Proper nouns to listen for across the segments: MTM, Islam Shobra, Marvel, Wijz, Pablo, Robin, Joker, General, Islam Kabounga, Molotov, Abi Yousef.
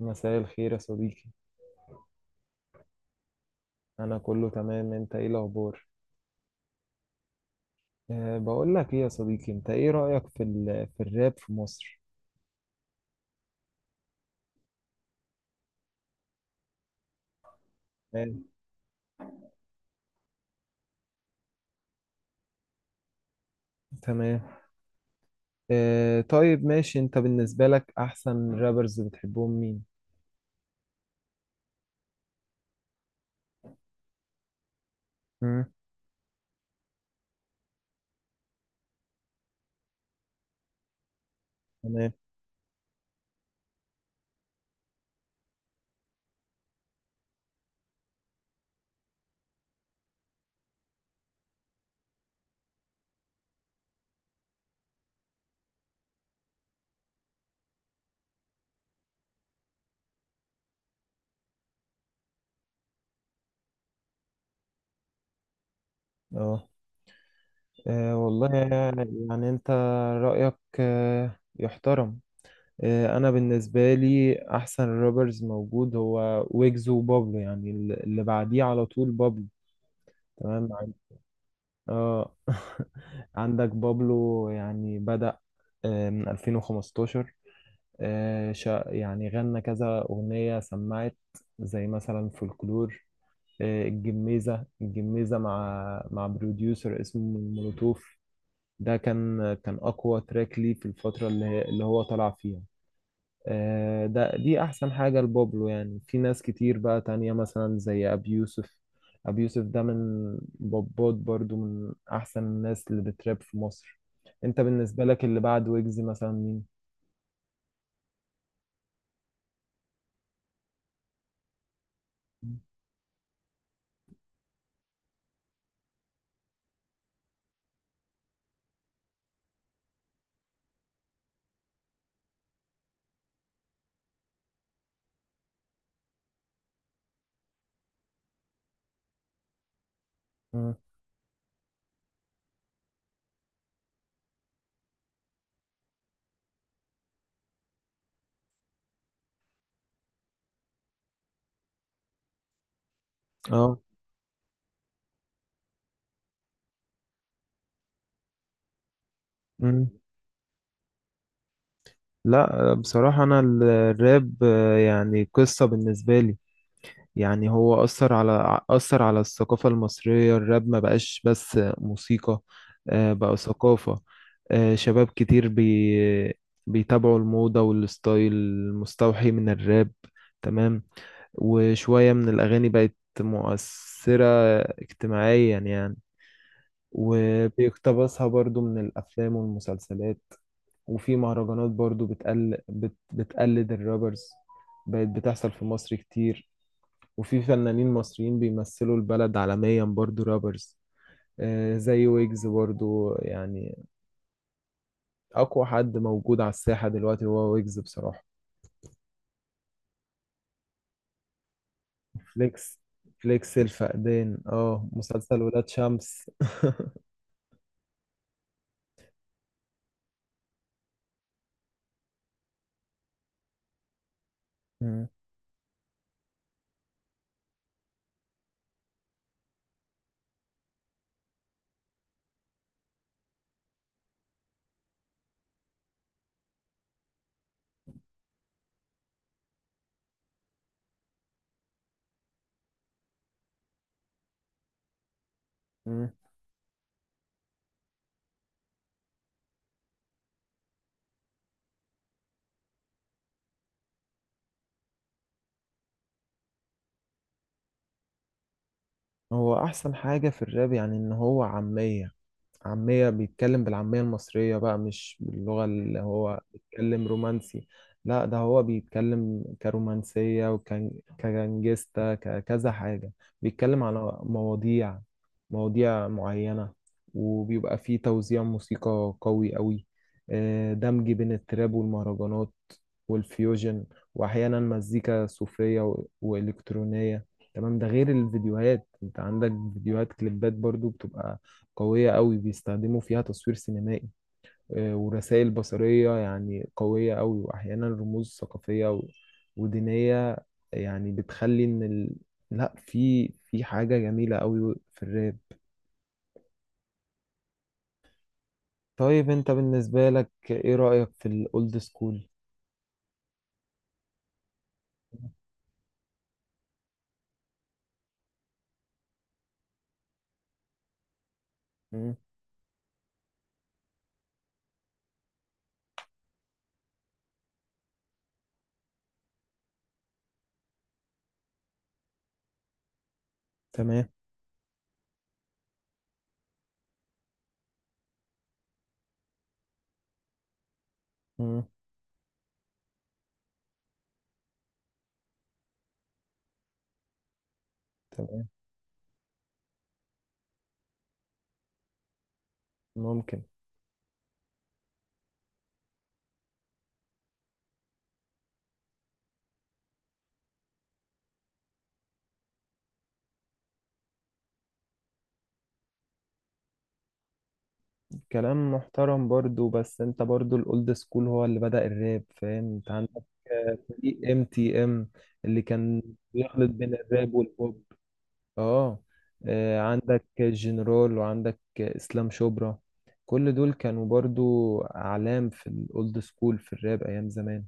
مساء الخير يا صديقي. انا كله تمام، انت ايه الاخبار؟ بقول لك ايه يا صديقي، انت ايه رايك في الراب في مصر؟ تمام. تمام. طيب، ماشي. انت بالنسبه لك احسن رابرز بتحبهم مين؟ مم. تمام. اه. والله. يعني انت، رايك، يحترم. انا بالنسبه لي احسن رابرز موجود هو ويجز وبابلو، يعني اللي بعديه على طول بابلو. تمام. اه. عندك بابلو يعني بدأ من 2015. يعني غنى كذا أغنية سمعت، زي مثلا فولكلور. الجميزة الجميزة مع بروديوسر اسمه مولوتوف. ده كان أقوى تراك ليه في الفترة اللي هو طلع فيها. آه، ده دي احسن حاجة لبابلو، يعني في ناس كتير بقى تانية مثلا زي ابي يوسف. ابي يوسف ده من بابات، برضو من احسن الناس اللي بتراب في مصر. انت بالنسبة لك اللي بعد ويجز مثلا مين؟ مم. اه. مم. لا بصراحة، أنا الراب يعني قصة بالنسبة لي. يعني هو أثر على الثقافة المصرية، الراب ما بقاش بس موسيقى. بقى ثقافة. شباب كتير بيتابعوا الموضة والستايل المستوحي من الراب. تمام. وشوية من الأغاني بقت مؤثرة اجتماعيا يعني، وبيقتبسها برضو من الأفلام والمسلسلات. وفي مهرجانات برضو بتقلد الرابرز، بقت بتحصل في مصر كتير. وفي فنانين مصريين بيمثلوا البلد عالميا، برضو رابرز زي ويجز، برضو يعني أقوى حد موجود على الساحة دلوقتي هو ويجز بصراحة. فليكس، فليكس الفقدان. اه. مسلسل ولاد شمس. مم. مم. هو أحسن حاجة في الراب يعني إن هو عامية. عامية، بيتكلم بالعامية المصرية بقى، مش باللغة اللي هو بيتكلم رومانسي. لا، ده هو بيتكلم كرومانسية، وكان كجانجستا، ككذا حاجة. بيتكلم على مواضيع، مواضيع معينة. وبيبقى فيه توزيع موسيقى قوي قوي، دمج بين التراب والمهرجانات والفيوجن. وأحيانا مزيكا صوفية و- وإلكترونية. تمام. ده غير الفيديوهات، انت عندك فيديوهات كليبات برضو بتبقى قوية قوي، بيستخدموا فيها تصوير سينمائي. ورسائل بصرية يعني قوية قوي، وأحيانا رموز ثقافية و- ودينية، يعني لا، في حاجة جميلة قوي في الراب. طيب أنت بالنسبة لك إيه رأيك في الأولد سكول؟ مم. تمام. مم. تمام. ممكن. كلام محترم برضو، بس انت برضو الاولد سكول هو اللي بدأ الراب، فاهم؟ انت عندك فريق ام تي ام اللي كان بيخلط بين الراب والبوب. اه. عندك جنرال وعندك اسلام شبرا، كل دول كانوا برضو اعلام في الاولد سكول في الراب ايام زمان.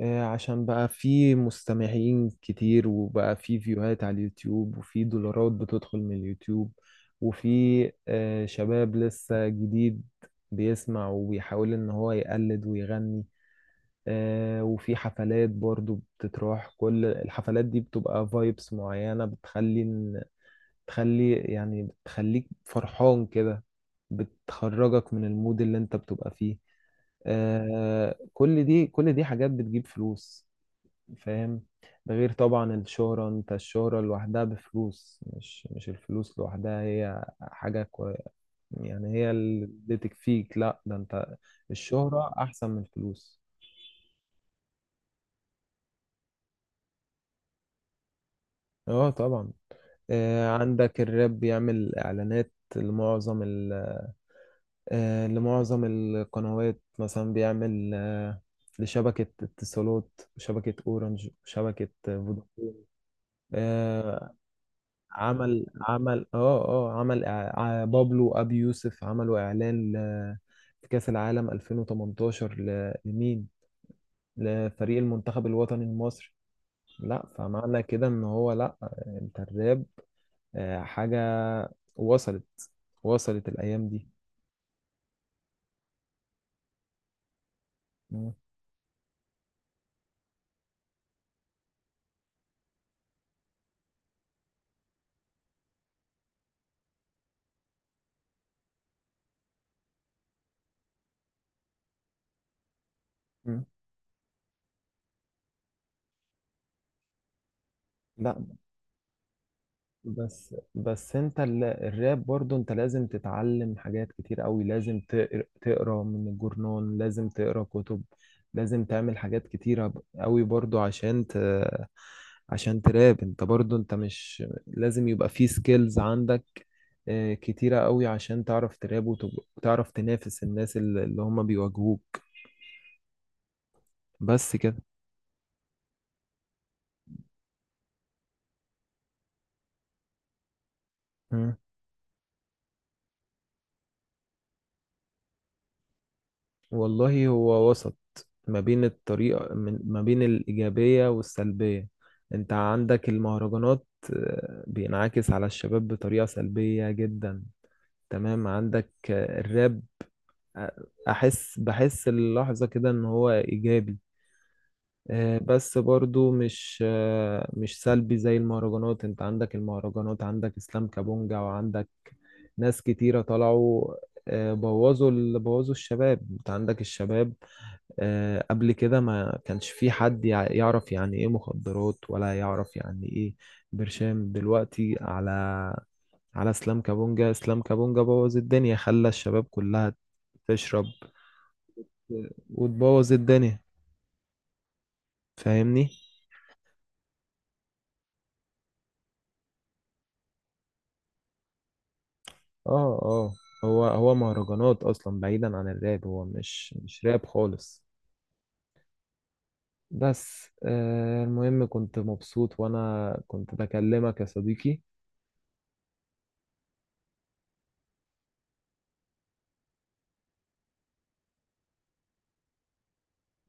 عشان بقى في مستمعين كتير، وبقى في فيوهات على اليوتيوب، وفي دولارات بتدخل من اليوتيوب. وفي شباب لسه جديد بيسمع وبيحاول ان هو يقلد ويغني. وفي حفلات برضو بتتراح، كل الحفلات دي بتبقى فايبس معينة بتخلي يعني بتخليك فرحان كده، بتخرجك من المود اللي انت بتبقى فيه. كل دي حاجات بتجيب فلوس، فاهم؟ ده غير طبعا الشهرة، انت الشهرة لوحدها بفلوس، مش الفلوس لوحدها هي حاجة يعني هي اللي تكفيك. لا ده انت، الشهرة احسن من الفلوس. اه طبعا. عندك الراب بيعمل اعلانات لمعظم القنوات، مثلا بيعمل لشبكة اتصالات وشبكة اورنج وشبكة فودافون. آه، عمل عمل اه اه عمل إع- ع- بابلو ابي يوسف عملوا اعلان في كاس العالم 2018 لمين؟ لفريق المنتخب الوطني المصري. لا، فمعنى كده ان هو لا، انت الراب حاجة وصلت، الايام دي. مم. مم. لا، بس انت الراب، برضو انت لازم تتعلم حاجات كتير قوي، لازم تقرا من الجورنان، لازم تقرا كتب، لازم تعمل حاجات كتيرة قوي برضو عشان عشان تراب. انت برضو، انت مش لازم يبقى في سكيلز عندك اه، كتيرة قوي عشان تعرف تراب، وتعرف تنافس الناس اللي هم بيواجهوك. بس كده. مم. والله هو وسط ما بين الطريقة ما بين الإيجابية والسلبية. أنت عندك المهرجانات بينعكس على الشباب بطريقة سلبية جدا. تمام، عندك الراب، آه، أحس بحس اللحظة كده إن هو إيجابي. بس برضو مش مش سلبي زي المهرجانات. أنت عندك المهرجانات، عندك إسلام كابونجا، وعندك ناس كتيرة طلعوا بوظوا الشباب. أنت عندك الشباب، قبل كده ما كانش في حد يعرف يعني ايه مخدرات، ولا يعرف يعني ايه برشام. دلوقتي على اسلام كابونجا. اسلام كابونجا بوظ الدنيا، خلى الشباب كلها تشرب وتبوظ الدنيا، فاهمني؟ اه. اه. هو مهرجانات اصلا، بعيدا عن الراب، هو مش راب خالص. بس المهم كنت مبسوط وانا كنت بكلمك يا صديقي.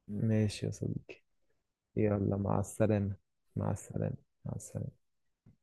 ماشي يا صديقي. يلا، مع السلامة. مع السلامة. مع السلامة.